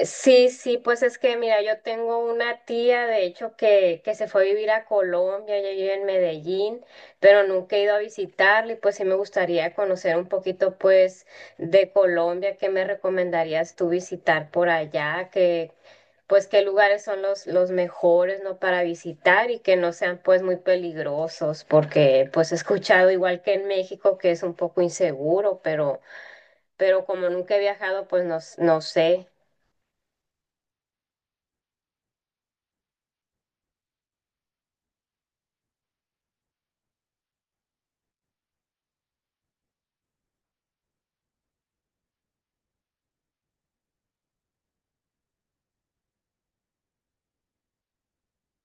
Sí, sí, pues es que mira, yo tengo una tía, de hecho, que se fue a vivir a Colombia, ella vive en Medellín, pero nunca he ido a visitarla y pues sí me gustaría conocer un poquito pues de Colombia. ¿Qué me recomendarías tú visitar por allá? Que pues qué lugares son los mejores, ¿no? Para visitar y que no sean pues muy peligrosos, porque pues he escuchado igual que en México que es un poco inseguro, pero como nunca he viajado, pues no, no sé.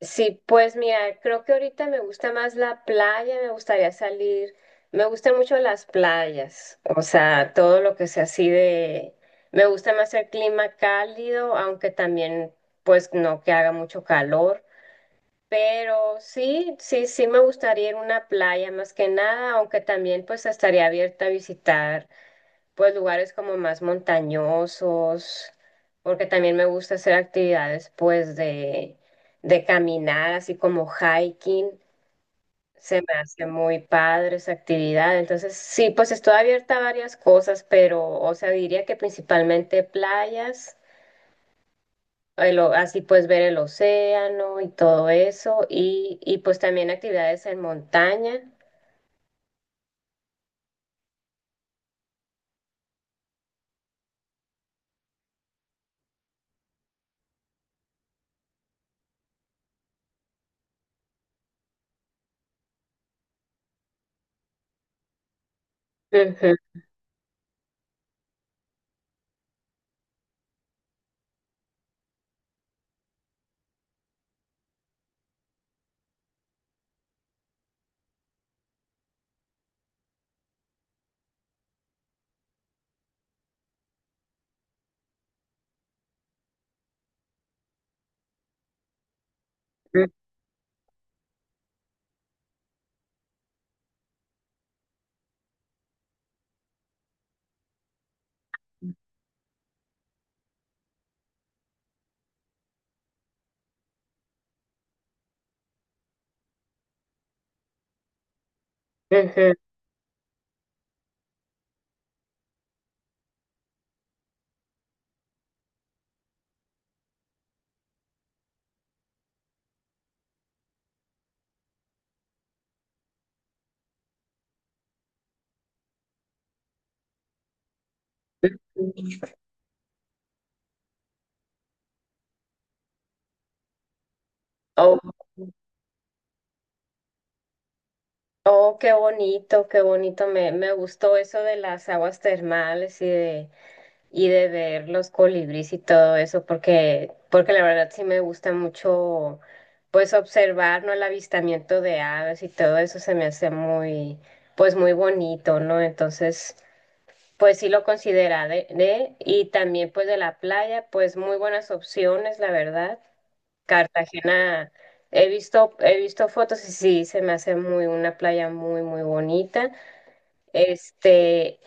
Sí, pues mira, creo que ahorita me gusta más la playa, me gustaría salir, me gustan mucho las playas, o sea, todo lo que sea así de, me gusta más el clima cálido, aunque también pues no que haga mucho calor, pero sí, sí, sí me gustaría ir a una playa más que nada, aunque también pues estaría abierta a visitar pues lugares como más montañosos, porque también me gusta hacer actividades pues de caminar, así como hiking, se me hace muy padre esa actividad. Entonces, sí, pues estoy abierta a varias cosas, pero, o sea, diría que principalmente playas. Así pues ver el océano y todo eso, y pues también actividades en montaña. Ujú, ujú, ujú. O Oh, qué bonito, qué bonito. Me gustó eso de las aguas termales y de ver los colibríes y todo eso, porque, porque la verdad sí me gusta mucho, pues, observar, ¿no? El avistamiento de aves y todo eso se me hace muy, pues, muy bonito, ¿no? Entonces, pues sí lo consideraré. Y también, pues, de la playa, pues, muy buenas opciones, la verdad. Cartagena, he visto fotos y sí, se me hace muy una playa muy, muy bonita. Este,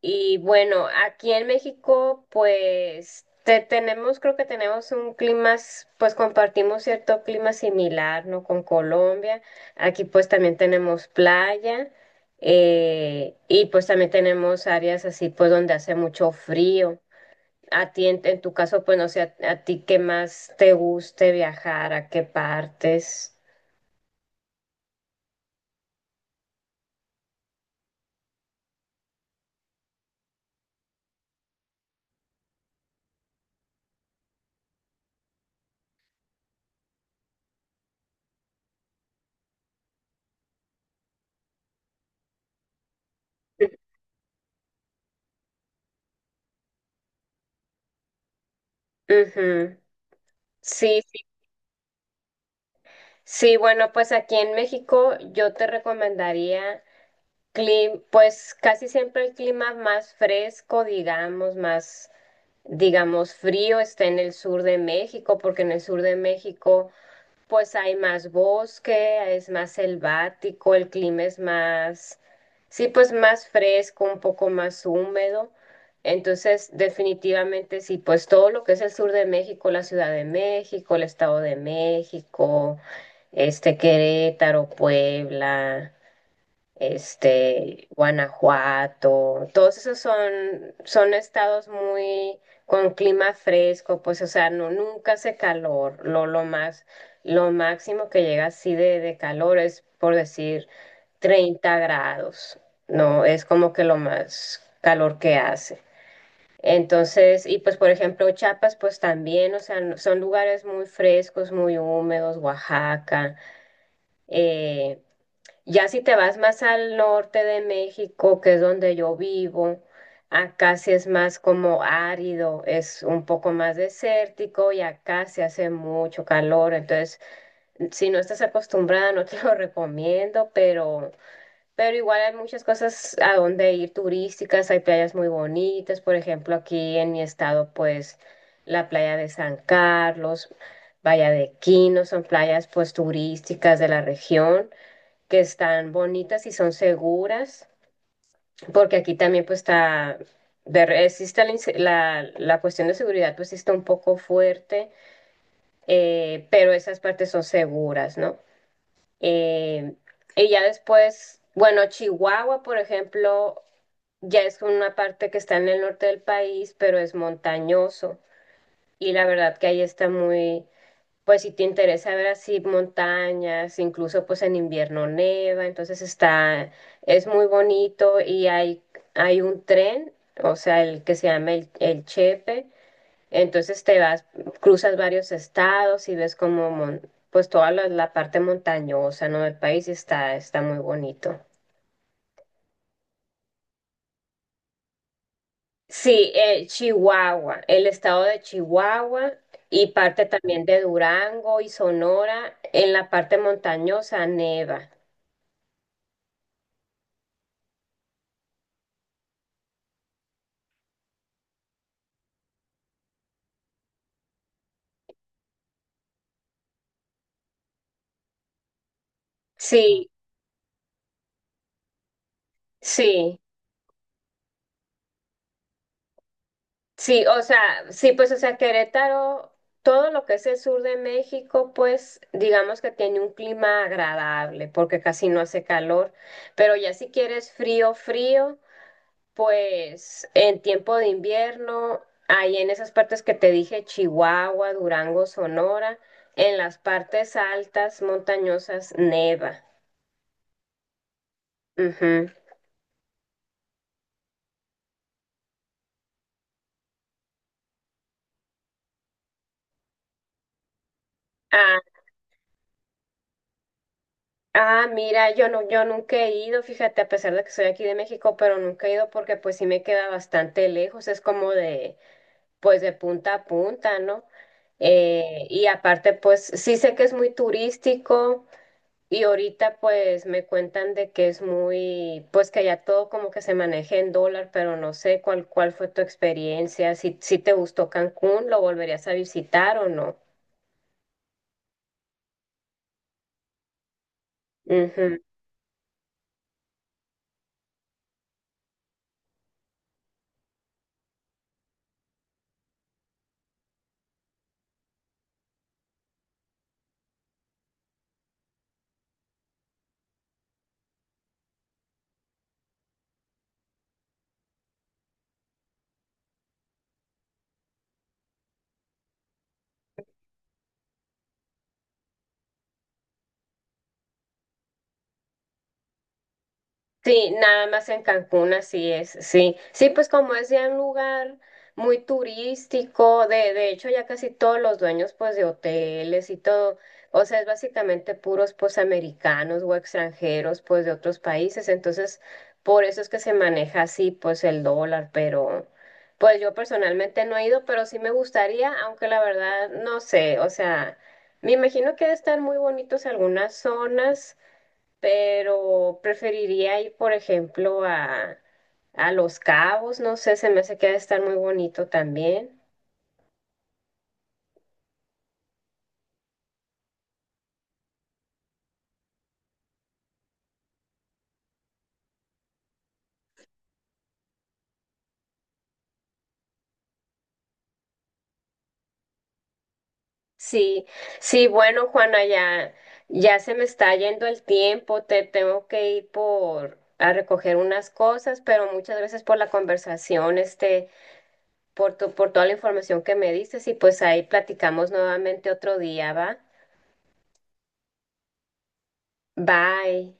y bueno, aquí en México, pues tenemos, creo que tenemos un clima, pues compartimos cierto clima similar, ¿no? Con Colombia. Aquí pues también tenemos playa, y pues también tenemos áreas así, pues donde hace mucho frío. A ti, en tu caso, pues no sé, a ti qué más te guste viajar, a qué partes. Ujú. Sí, sí, sí, bueno, pues aquí en México yo te recomendaría pues casi siempre el clima más fresco, digamos, más, digamos, frío está en el sur de México, porque en el sur de México pues hay más bosque, es más selvático, el clima es más, sí, pues más fresco, un poco más húmedo. Entonces, definitivamente sí, pues todo lo que es el sur de México, la Ciudad de México, el Estado de México, este Querétaro, Puebla, este, Guanajuato, todos esos son, son estados muy con clima fresco, pues, o sea, no, nunca hace calor, lo más, lo máximo que llega así de calor es, por decir, 30 grados, no, es como que lo más calor que hace. Entonces, y pues por ejemplo Chiapas, pues también, o sea, son lugares muy frescos, muy húmedos, Oaxaca, eh, ya si te vas más al norte de México, que es donde yo vivo, acá sí es más como árido, es un poco más desértico y acá se hace mucho calor. Entonces, si no estás acostumbrada, no te lo recomiendo, pero igual hay muchas cosas a donde ir turísticas, hay playas muy bonitas. Por ejemplo, aquí en mi estado, pues la playa de San Carlos, Playa de Quino, son playas pues turísticas de la región que están bonitas y son seguras, porque aquí también pues está, de, existe la, la cuestión de seguridad, pues sí está un poco fuerte, pero esas partes son seguras, ¿no? Eh, y ya después, bueno, Chihuahua, por ejemplo, ya es una parte que está en el norte del país, pero es montañoso. Y la verdad que ahí está muy, pues si te interesa ver así montañas, incluso pues en invierno neva, entonces está, es muy bonito y hay un tren, o sea, el que se llama el Chepe, entonces te vas, cruzas varios estados y ves como pues toda la parte montañosa, ¿no?, del país y está, está muy bonito. Sí, Chihuahua, el estado de Chihuahua y parte también de Durango y Sonora, en la parte montañosa neva. Sí, sí, sí, o sea, sí, pues, o sea, Querétaro, todo lo que es el sur de México, pues, digamos que tiene un clima agradable, porque casi no hace calor, pero ya si quieres frío, frío, pues, en tiempo de invierno, ahí en esas partes que te dije, Chihuahua, Durango, Sonora, en las partes altas, montañosas, neva. Ujú. Ah, Ah, mira, yo no, yo nunca he ido, fíjate, a pesar de que soy aquí de México, pero nunca he ido porque pues sí me queda bastante lejos, es como de, pues de punta a punta, ¿no? Y aparte, pues sí sé que es muy turístico y ahorita pues me cuentan de que es muy, pues que ya todo como que se maneja en dólar, pero no sé cuál, cuál fue tu experiencia, si, si te gustó Cancún, ¿lo volverías a visitar o no? Sí, nada más en Cancún, así es, sí. Sí, pues como decía, un lugar muy turístico, de hecho ya casi todos los dueños pues de hoteles y todo, o sea, es básicamente puros pues americanos o extranjeros pues de otros países, entonces por eso es que se maneja así pues el dólar, pero pues yo personalmente no he ido, pero sí me gustaría, aunque la verdad no sé, o sea, me imagino que deben estar muy bonitos algunas zonas, pero preferiría ir, por ejemplo, a Los Cabos, no sé, se me hace que ha de estar muy bonito también. Sí, sí, bueno, Juana, ya, ya se me está yendo el tiempo, te tengo que ir por a recoger unas cosas, pero muchas gracias por la conversación, este, por tu, por toda la información que me diste, y pues ahí platicamos nuevamente otro día, ¿va? Bye.